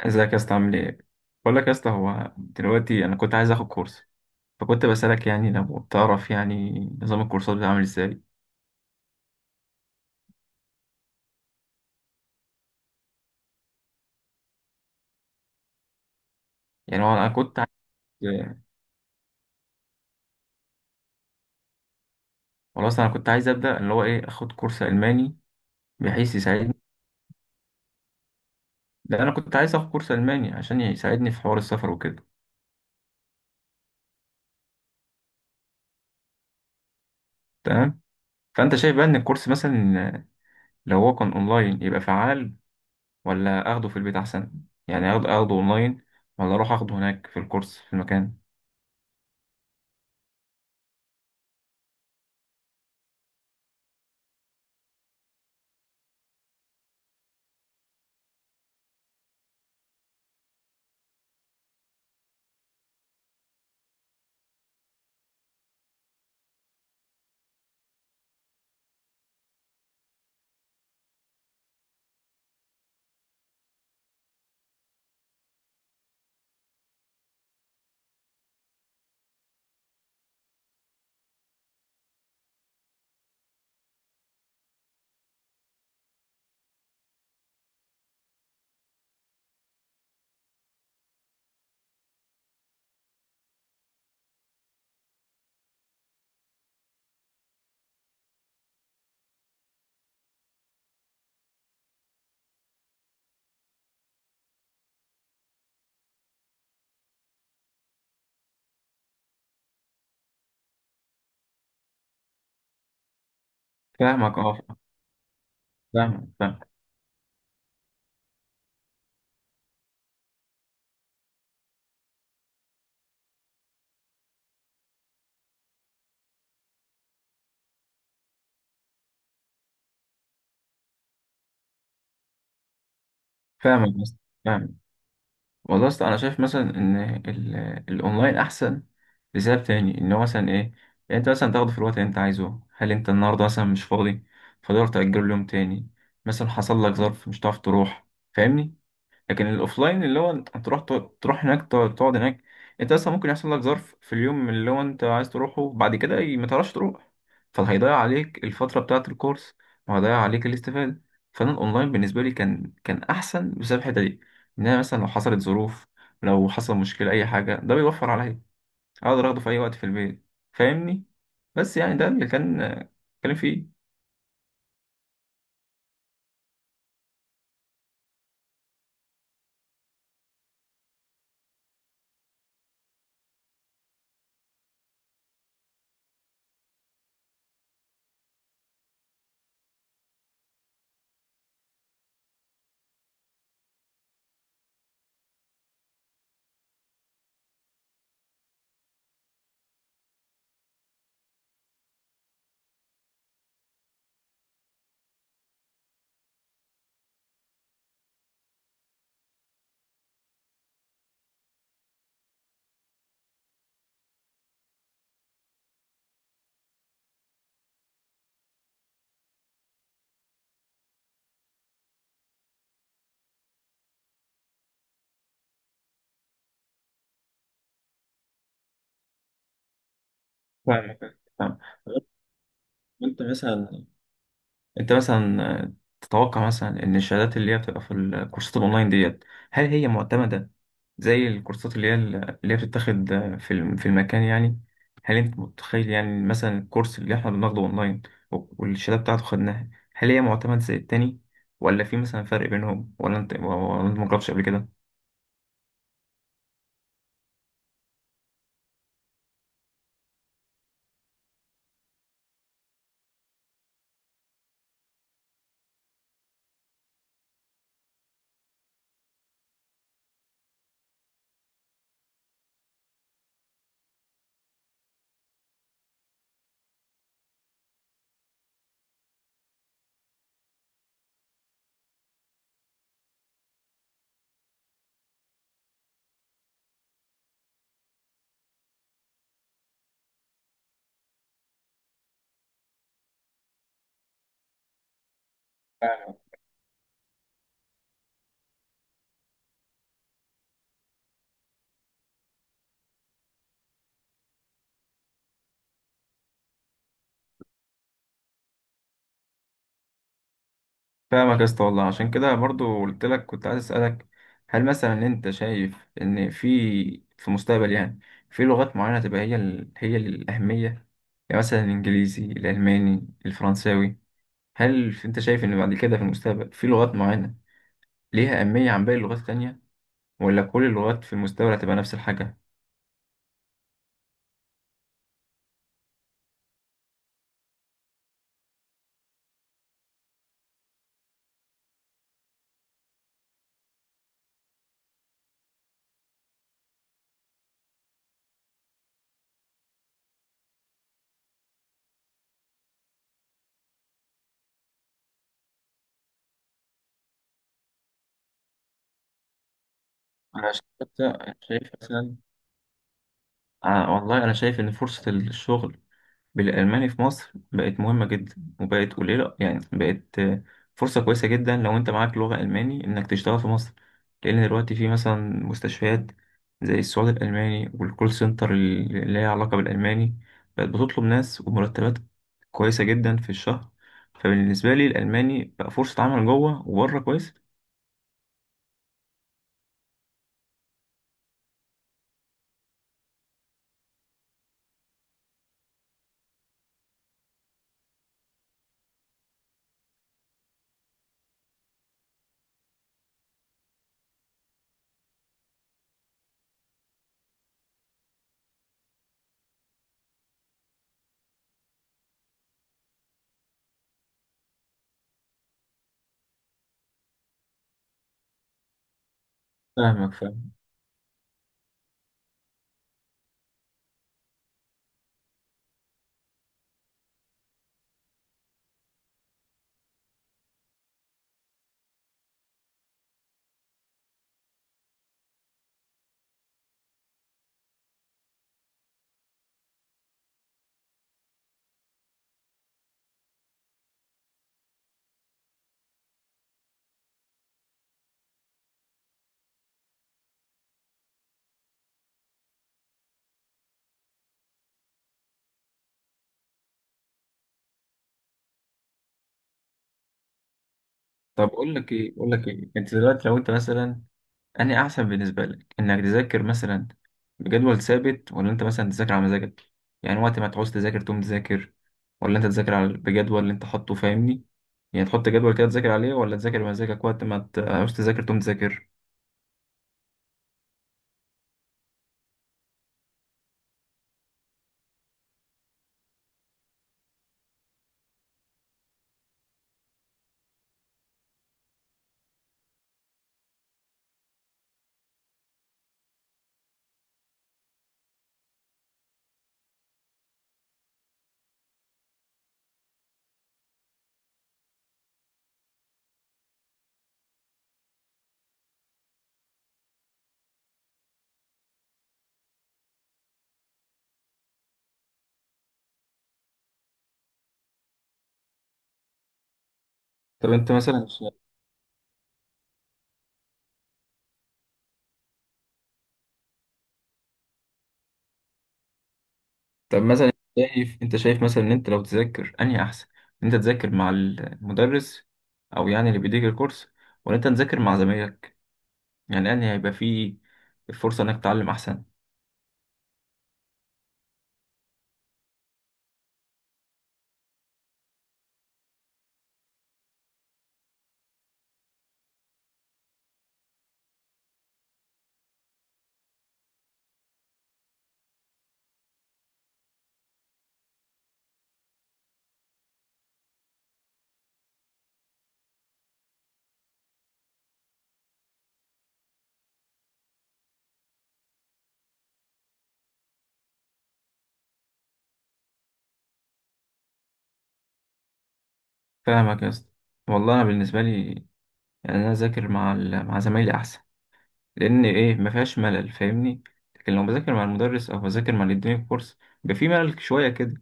ازيك يا اسطى؟ عامل ايه؟ بقول لك يا اسطى، هو دلوقتي انا كنت عايز اخد كورس. فكنت بسالك، يعني لو بتعرف يعني نظام الكورسات بتاعه عامل ازاي. يعني هو انا كنت عايز خلاص انا كنت عايز ابدا اللي هو ايه اخد كورس الماني بحيث يساعدني. لا، انا كنت عايز اخد كورس الماني عشان يساعدني في حوار السفر وكده. تمام. فانت شايف بقى ان الكورس مثلا لو هو كان اونلاين يبقى فعال، ولا اخده في البيت احسن؟ يعني اخده اونلاين، ولا اروح اخده هناك في الكورس في المكان؟ فاهمك، اه. فاهمك، فاهمك. فاهمك يا اسطى. فاهمك. والله أصل أنا شايف مثلا إن الأونلاين أحسن لسبب تاني، إن هو مثلا إيه، يعني أنت مثلا تاخده في الوقت اللي أنت عايزه. هل أنت النهاردة مثلا مش فاضي؟ فتقدر تأجله ليوم تاني. مثلا حصل لك ظرف مش هتعرف تروح. فاهمني. لكن الاوفلاين اللي هو انت تروح، تروح هناك، تقعد هناك. انت اصلا ممكن يحصل لك ظرف في اليوم اللي هو انت عايز تروحه، بعد كده ما تعرفش تروح. فهيضيع عليك الفتره بتاعه الكورس، وهيضيع عليك الاستفاده. فانا الاونلاين بالنسبه لي كان احسن بسبب الحته دي. ان انا مثلا لو حصلت ظروف، لو حصل مشكله اي حاجه، ده بيوفر عليا. اقدر اخده في اي وقت في البيت. فاهمني. بس يعني ده اللي كان فيه. فاهمك، فاهم. انت مثلا انت مثلا تتوقع مثلا ان الشهادات اللي هي بتبقى في الكورسات الاونلاين ديت، هل هي معتمدة زي الكورسات اللي هي بتتاخد في في المكان يعني؟ هل انت متخيل يعني مثلا الكورس اللي احنا بناخده اونلاين والشهادة بتاعته خدناها، هل هي معتمد زي التاني؟ ولا في مثلا فرق بينهم؟ ولا انت مجربتش قبل كده؟ فاهمك يا اسطى. والله عشان كده برضو قلت لك كنت عايز اسالك، هل مثلا انت شايف ان في المستقبل يعني في لغات معينه تبقى هي هي الاهميه؟ يعني مثلا الانجليزي، الالماني، الفرنساوي. هل انت شايف ان بعد كده في المستقبل في لغات معينه ليها اهميه عن باقي اللغات التانية، ولا كل اللغات في المستقبل هتبقى نفس الحاجه؟ انا شايف شايف مثلا، آه والله انا شايف ان فرصه الشغل بالألماني في مصر بقت مهمة جدا، وبقت قليلة يعني. بقت فرصة كويسة جدا لو أنت معاك لغة ألماني إنك تشتغل في مصر. لأن دلوقتي في مثلا مستشفيات زي السعودي الألماني والكول سنتر اللي ليها علاقة بالألماني بقت بتطلب ناس، ومرتبات كويسة جدا في الشهر. فبالنسبة لي الألماني بقى فرصة عمل جوه وبره كويس. فاهمك، فاهم. طب أقول لك إيه، أنت دلوقتي لو أنت مثلا أنهي أحسن بالنسبة لك؟ إنك تذاكر مثلا بجدول ثابت، ولا أنت مثلا تذاكر على مزاجك، يعني وقت ما تعوز تذاكر تقوم تذاكر؟ ولا أنت تذاكر على بجدول اللي أنت حاطه؟ فاهمني، يعني تحط جدول كده تذاكر عليه، ولا تذاكر بمزاجك وقت ما تعوز تذاكر تقوم تذاكر؟ طب أنت مثلا طب مثلا شايف مثلا إن أنت لو تذاكر أنهي أحسن؟ إن أنت تذاكر مع المدرس أو يعني اللي بيديك الكورس، ولا أنت تذاكر مع زمايلك؟ يعني أنهي هيبقى فيه فرصة إنك تتعلم أحسن؟ فاهمك يا اسطى. والله انا بالنسبه لي يعني انا اذاكر مع مع زمايلي احسن، لان ايه، ما فيهاش ملل. فاهمني، لكن لو بذاكر مع المدرس او بذاكر مع اللي اداني الكورس بيبقى في ملل شويه كده.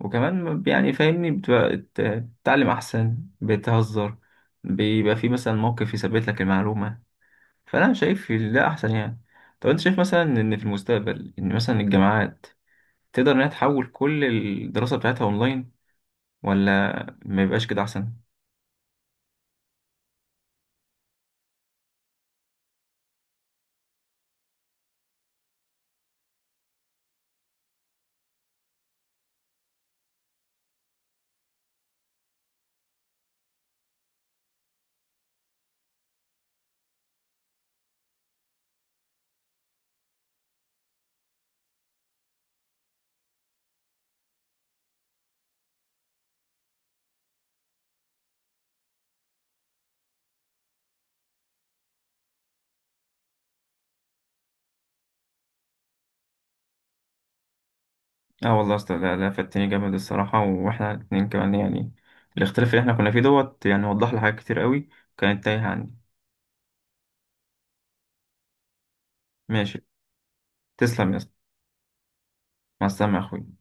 وكمان يعني فاهمني بتبقى بتتعلم احسن، بتهزر، بيبقى في مثلا موقف يثبت لك المعلومه. فانا شايف ده احسن يعني. طب انت شايف مثلا ان في المستقبل ان مثلا الجامعات تقدر انها تحول كل الدراسه بتاعتها اونلاين، ولا ما يبقاش كده احسن؟ اه والله اصل ده فاتني جامد الصراحه، واحنا الاتنين كمان يعني الاختلاف اللي احنا كنا فيه دوت يعني وضح لي حاجات كتير قوي كانت تايهه عني. ماشي. تسلم يا اسطى. مع السلامه يا اخوي.